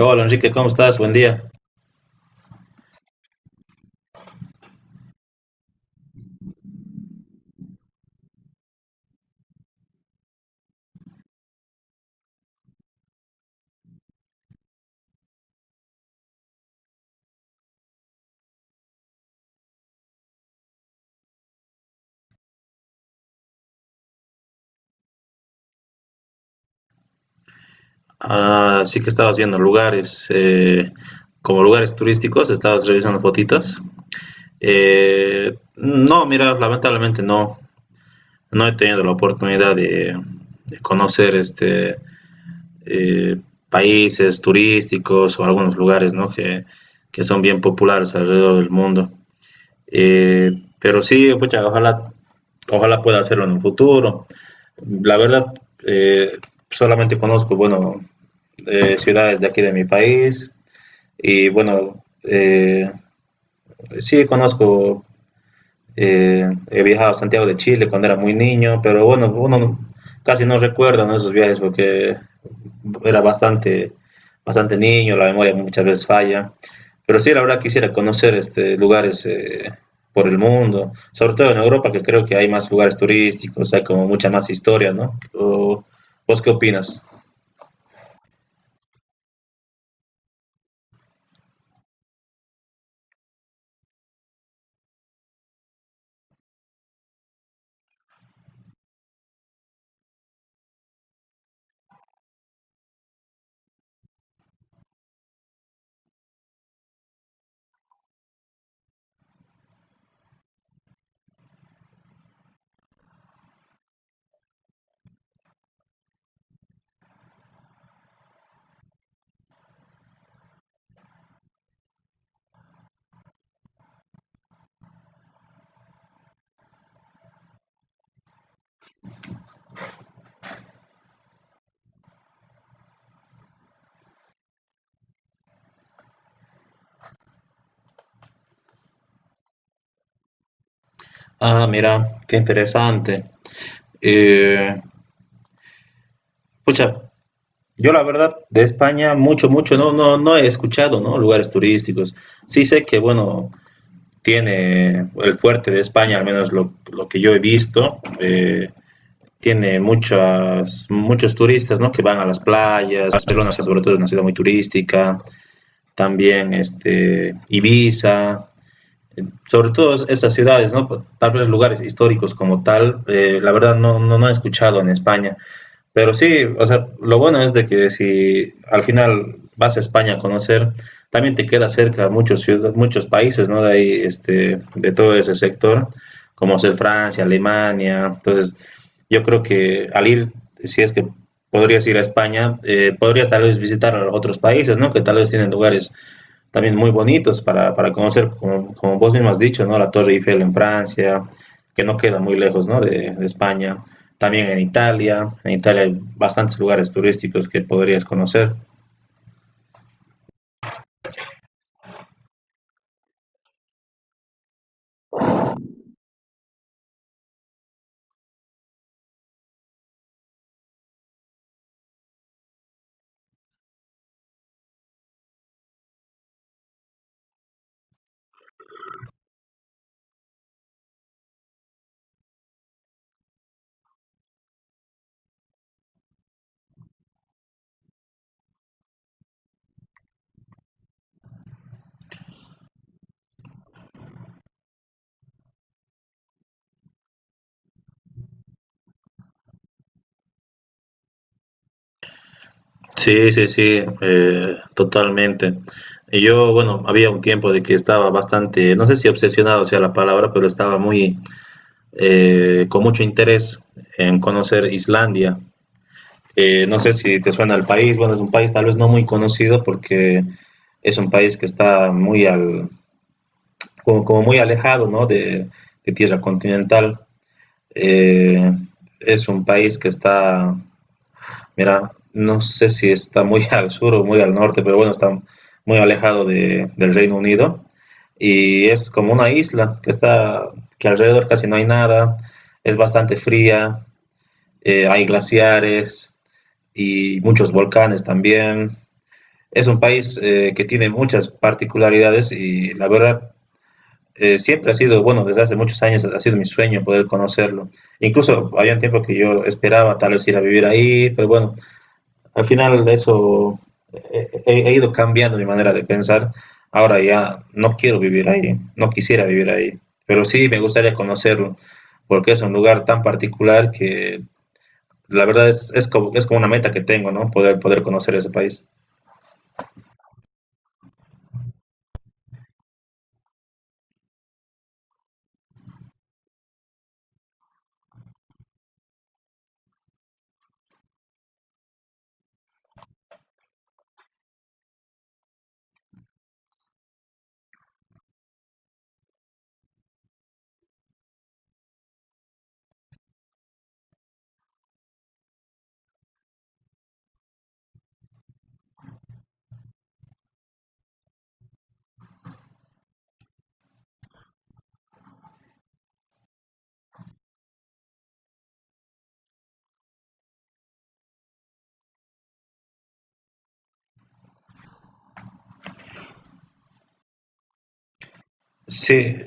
Hola Enrique, ¿cómo estás? Buen día. Ah, sí que estabas viendo lugares, como lugares turísticos, estabas revisando fotitos. No, mira, lamentablemente no, no he tenido la oportunidad de conocer eh, países turísticos o algunos lugares, ¿no? Que son bien populares alrededor del mundo. Eh, pero sí, pucha, ojalá pueda hacerlo en un futuro. La verdad, eh, solamente conozco, bueno, ciudades de aquí de mi país y bueno, sí conozco he viajado a Santiago de Chile cuando era muy niño, pero bueno, uno no, casi no recuerda, ¿no?, esos viajes porque era bastante niño, la memoria muchas veces falla. Pero sí, la verdad quisiera conocer este, lugares por el mundo, sobre todo en Europa, que creo que hay más lugares turísticos, hay como mucha más historia, ¿no? O, ¿vos qué opinas? Ah, mira, qué interesante. Eh, Pucha, yo la verdad de España mucho, mucho, no, no he escuchado, ¿no?, lugares turísticos. Sí sé que, bueno, tiene el fuerte de España, al menos lo que yo he visto, tiene muchos turistas, ¿no?, que van a las playas. Barcelona, o sea, sobre todo, es una ciudad muy turística. También, este, Ibiza, sobre todo esas ciudades, ¿no? Tal vez lugares históricos como tal, la verdad no, no he escuchado en España. Pero sí, o sea, lo bueno es de que si al final vas a España a conocer, también te queda cerca muchos ciudades, muchos países, ¿no?, de ahí, este, de todo ese sector, como ser Francia, Alemania. Entonces, yo creo que al ir, si es que podrías ir a España, podrías tal vez visitar a otros países, ¿no?, que tal vez tienen lugares también muy bonitos para conocer, como, como, vos mismo has dicho, ¿no? La Torre Eiffel en Francia, que no queda muy lejos, ¿no?, de España también en Italia. En Italia hay bastantes lugares turísticos que podrías conocer. Sí, sí, sí, totalmente. Y yo, bueno, había un tiempo de que estaba bastante, no sé si obsesionado sea la palabra, pero estaba muy, con mucho interés en conocer Islandia. No sé si te suena el país, bueno, es un país tal vez no muy conocido porque es un país que está muy al, como muy alejado, ¿no?, de tierra continental. Eh, es un país que está, mira, no sé si está muy al sur o muy al norte, pero bueno, está muy alejado de, del Reino Unido y es como una isla que está, que alrededor casi no hay nada, es bastante fría, hay glaciares y muchos volcanes también. Es un país que tiene muchas particularidades y la verdad siempre ha sido, bueno, desde hace muchos años ha sido mi sueño poder conocerlo. Incluso había un tiempo que yo esperaba tal vez ir a vivir ahí, pero bueno, al final eso he ido cambiando mi manera de pensar. Ahora ya no quiero vivir ahí, no quisiera vivir ahí, pero sí me gustaría conocerlo porque es un lugar tan particular que la verdad es como una meta que tengo, ¿no? Poder conocer ese país. Sí,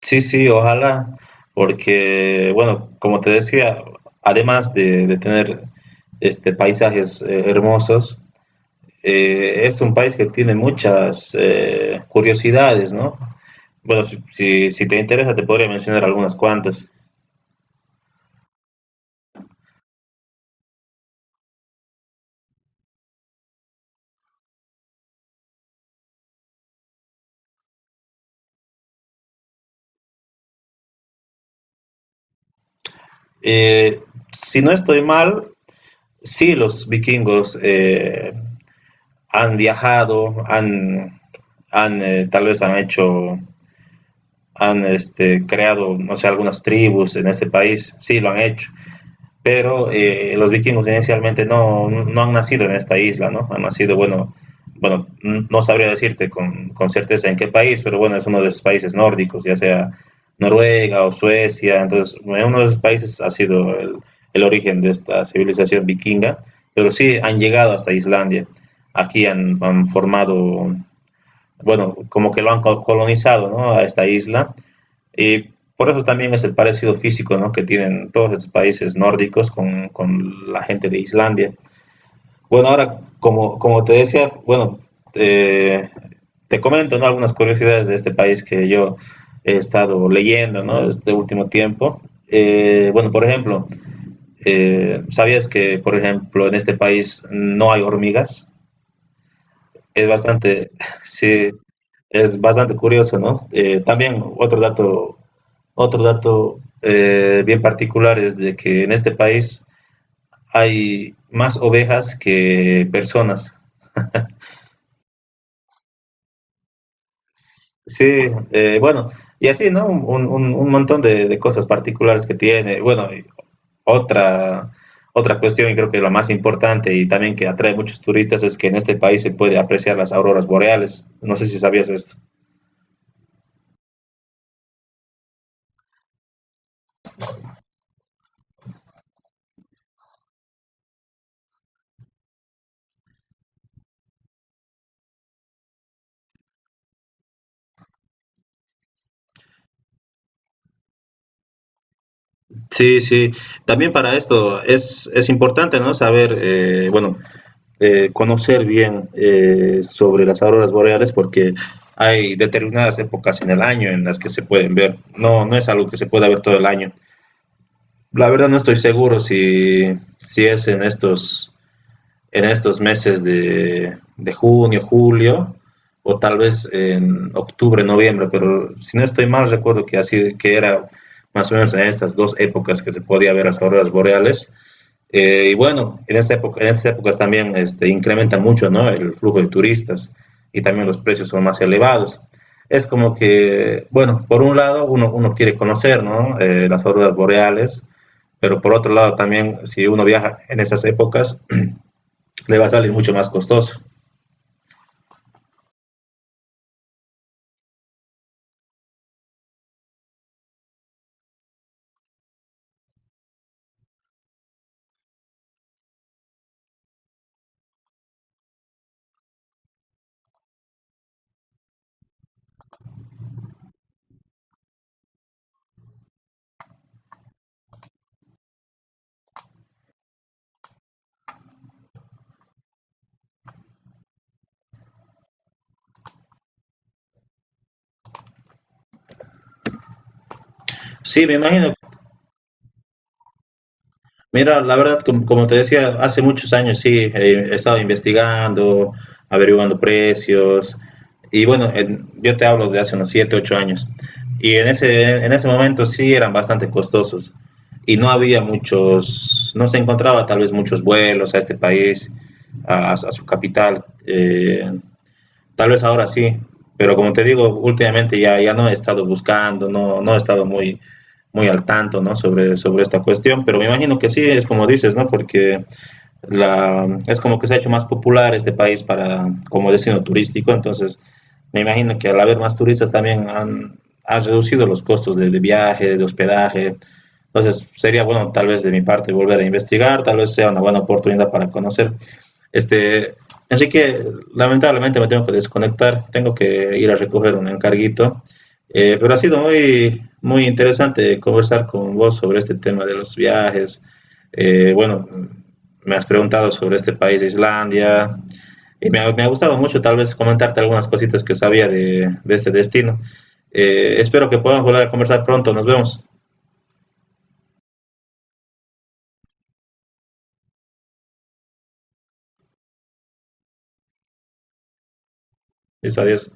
sí, sí, ojalá, porque, bueno, como te decía, además de tener este, paisajes hermosos, es un país que tiene muchas curiosidades, ¿no? Bueno, si te interesa, te podría mencionar algunas cuantas. Eh, si no estoy mal, sí, los vikingos han viajado, tal vez han hecho creado, no sé, algunas tribus en este país, sí lo han hecho, pero los vikingos inicialmente no, han nacido en esta isla, ¿no? Han nacido, bueno no sabría decirte con, certeza en qué país, pero bueno, es uno de los países nórdicos, ya sea Noruega o Suecia, entonces en uno de esos países ha sido el origen de esta civilización vikinga, pero sí han llegado hasta Islandia, aquí han formado, bueno, como que lo han colonizado, ¿no?, a esta isla y por eso también es el parecido físico, ¿no?, que tienen todos estos países nórdicos con la gente de Islandia. Bueno, ahora, como, como te decía, bueno, eh, te comento, ¿no?, algunas curiosidades de este país que yo he estado leyendo, ¿no?, este último tiempo. Bueno, por ejemplo, ¿sabías que, por ejemplo, en este país no hay hormigas? Es bastante, sí, es bastante curioso, ¿no? También otro dato bien particular es de que en este país hay más ovejas que personas. Sí, bueno, y así, ¿no? Un montón cosas particulares que tiene. Bueno, y otra, otra cuestión, y creo que la más importante y también que atrae muchos turistas, es que en este país se puede apreciar las auroras boreales. No sé si sabías esto. Sí, sí. También para esto es importante, ¿no? Saber, bueno, conocer bien sobre las auroras boreales porque hay determinadas épocas en el año en las que se pueden ver. No, no es algo que se pueda ver todo el año. La verdad no estoy seguro si es en estos meses de junio, julio o tal vez en octubre, noviembre, pero si no estoy mal recuerdo que así que era más o menos en estas dos épocas que se podía ver las auroras boreales y bueno, en, esa época, en esas épocas también este, incrementa mucho, ¿no?, el flujo de turistas y también los precios son más elevados. Es como que, bueno, por un lado uno quiere conocer, ¿no?, las auroras boreales, pero por otro lado también si uno viaja en esas épocas le va a salir mucho más costoso. Sí, me imagino. Mira, la verdad, como te decía, hace muchos años sí, he estado investigando, averiguando precios, y bueno, en- yo te hablo de hace unos 7, 8 años, y en ese momento sí eran bastante costosos, y no había muchos, no se encontraba tal vez muchos vuelos a este país, a su capital. Eh, tal vez ahora sí, pero como te digo, últimamente ya no he estado buscando, no, no he estado muy, muy al tanto, ¿no? Sobre, sobre esta cuestión, pero me imagino que sí, es como dices, ¿no? Porque la, es como que se ha hecho más popular este país para, como destino turístico, entonces me imagino que al haber más turistas también han reducido los costos de, viaje, de hospedaje. Entonces sería bueno tal vez de mi parte volver a investigar, tal vez sea una buena oportunidad para conocer. Este, Enrique, lamentablemente me tengo que desconectar, tengo que ir a recoger un encarguito, pero ha sido muy, muy interesante conversar con vos sobre este tema de los viajes. Bueno, me has preguntado sobre este país, Islandia, y me ha gustado mucho tal vez comentarte algunas cositas que sabía de este destino. Espero que podamos volver a conversar pronto. Nos vemos. Listo, adiós.